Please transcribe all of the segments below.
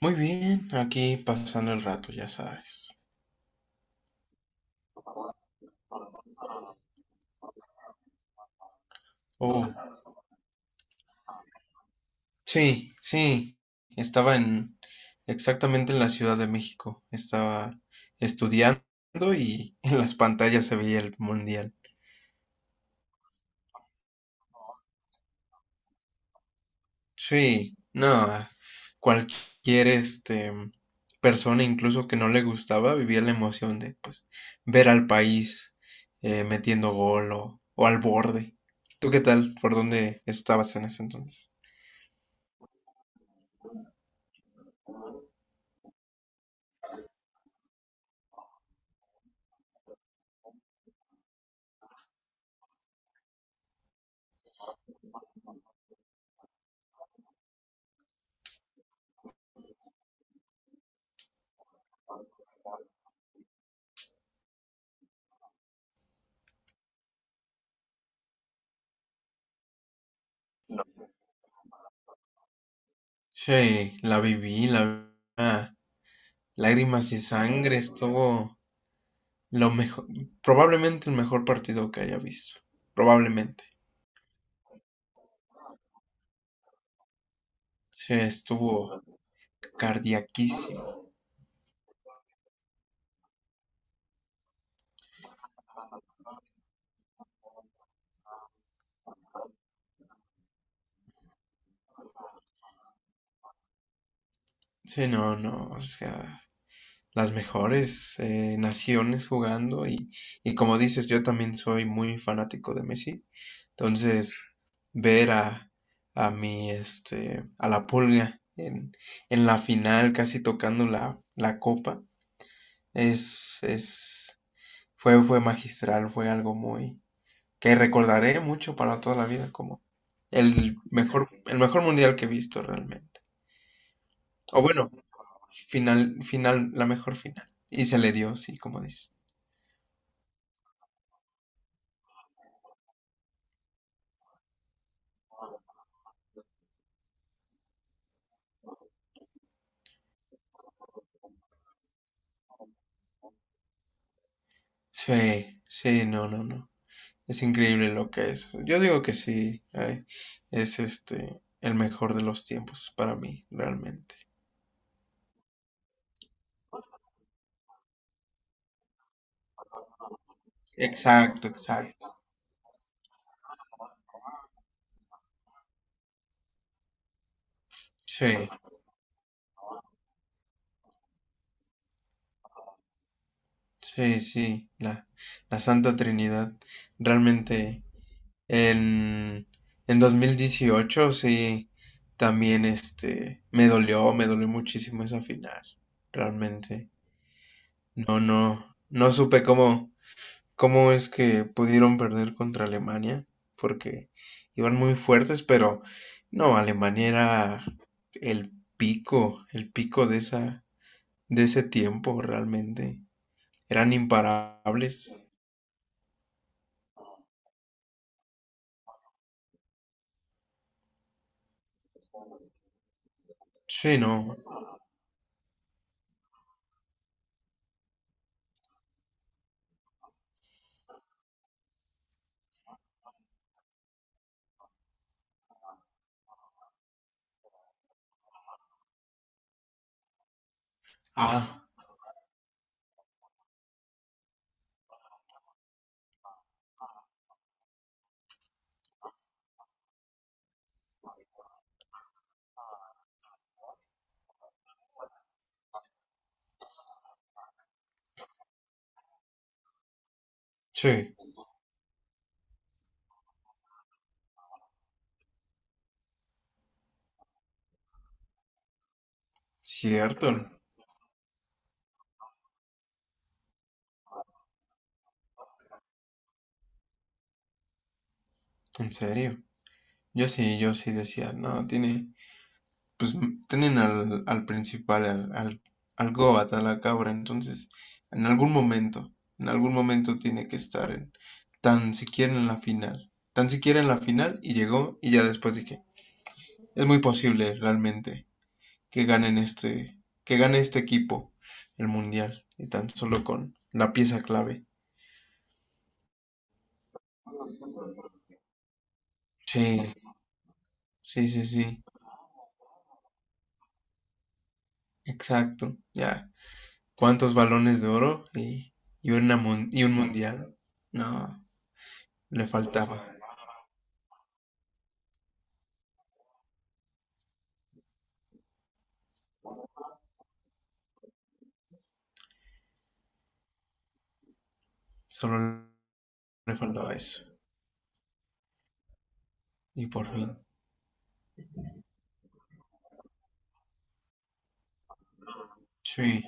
Muy bien, aquí pasando el rato, ya sabes. Oh, sí, sí. Estaba en exactamente en la Ciudad de México. Estaba estudiando y en las pantallas se veía el mundial. Sí, no, cualquier persona incluso que no le gustaba vivía la emoción de pues ver al país metiendo gol o al borde. ¿Tú qué tal? ¿Por dónde estabas en ese entonces? Sí, la vi a lágrimas y sangre, estuvo lo mejor, probablemente el mejor partido que haya visto, probablemente. Sí, estuvo cardiaquísimo. Sí, no, no, o sea, las mejores naciones jugando y como dices, yo también soy muy fanático de Messi, entonces ver a la Pulga en la final casi tocando la copa. Es, es, fue magistral, fue algo que recordaré mucho para toda la vida como el mejor mundial que he visto realmente. O bueno, final, final, la mejor final. Y se le dio, sí, como dice. Sí, sí, no, no, no. Es increíble lo que es. Yo digo que sí, es el mejor de los tiempos para mí, realmente. Exacto, exacto. Sí, sí, sí, la Santa Trinidad. Realmente. En, en 2018 sí, también me dolió muchísimo esa final, realmente. No, no, no supe cómo es que pudieron perder contra Alemania, porque iban muy fuertes, pero no, Alemania era el el pico de ese tiempo, realmente. Eran imparables. Sí, no. Ah, sí, cierto, en serio. Yo sí decía, no, pues tienen al principal, al Goat, a la cabra, entonces en algún momento tiene que estar tan siquiera en la final, tan siquiera en la final y llegó y ya después dije, es muy posible realmente que ganen este, que gane este equipo el mundial y tan solo con la pieza clave. Sí, sí, sí, sí, exacto, ya. Cuántos balones de oro y un mundial. No, le faltaba. Solo le faltaba eso. Y por fin. Sí,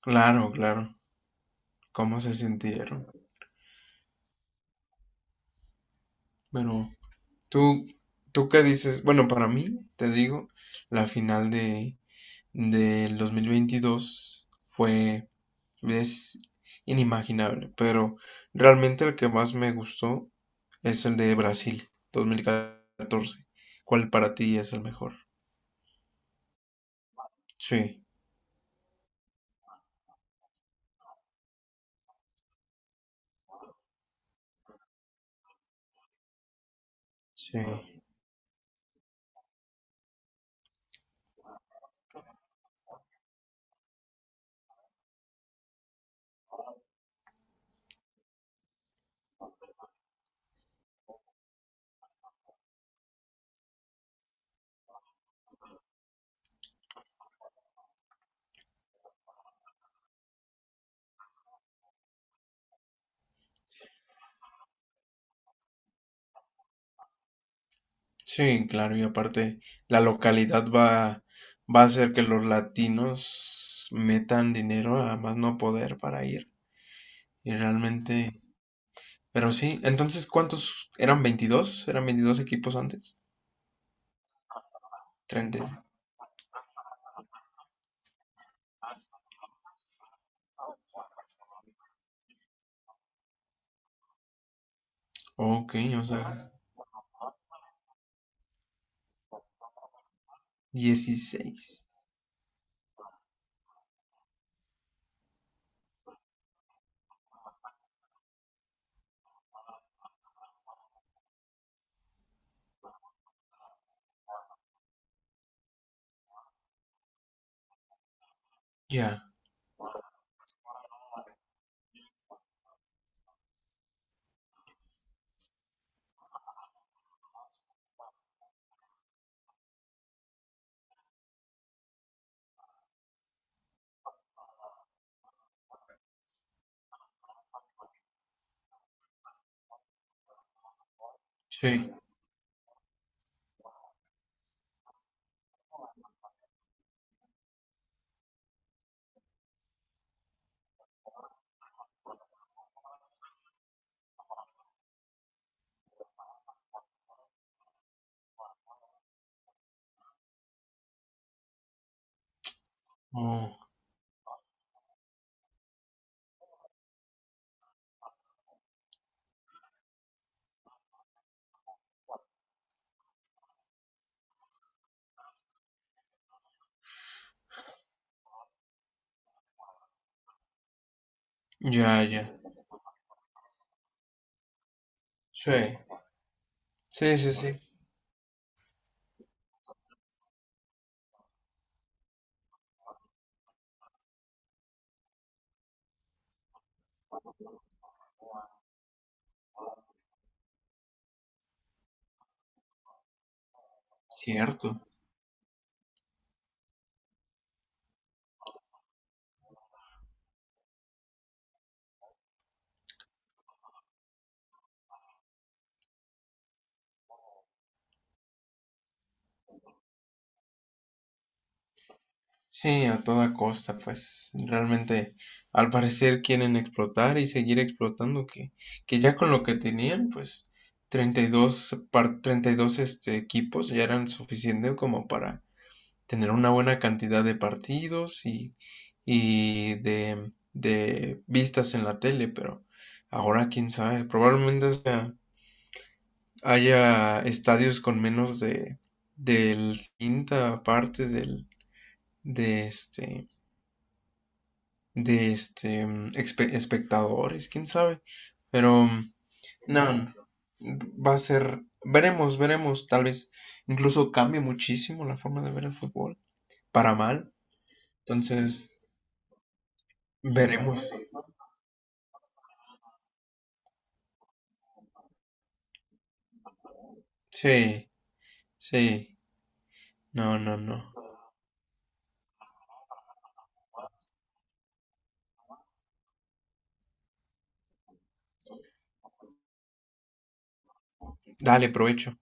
claro, claro. ¿Cómo se sintieron? Pero, tú, tú qué dices? Bueno, para mí, te digo, la final de del 2022 fue es inimaginable, pero realmente el que más me gustó es el de Brasil 2014. ¿Cuál para ti es el mejor? Sí, sí, sí, claro, y aparte la localidad va a hacer que los latinos metan dinero a más no poder para ir. Y realmente, pero sí, entonces, ¿cuántos eran 22? ¿Eran 22 equipos antes? 30. Ok, o sea, 16. Ya, sí. Oh, ya, ya. Sí, sí, sí, sí. Cierto. Sí, a toda costa, pues realmente al parecer quieren explotar y seguir explotando que ya con lo que tenían, pues 32 equipos ya eran suficientes como para tener una buena cantidad de partidos y de vistas en la tele, pero ahora quién sabe, probablemente hasta haya estadios con menos del quinta parte de este de este espectadores, quién sabe. Pero no, va a ser, veremos, veremos, tal vez incluso cambie muchísimo la forma de ver el fútbol, para mal. Entonces, veremos. Sí, sí, no, no, no. Dale, provecho.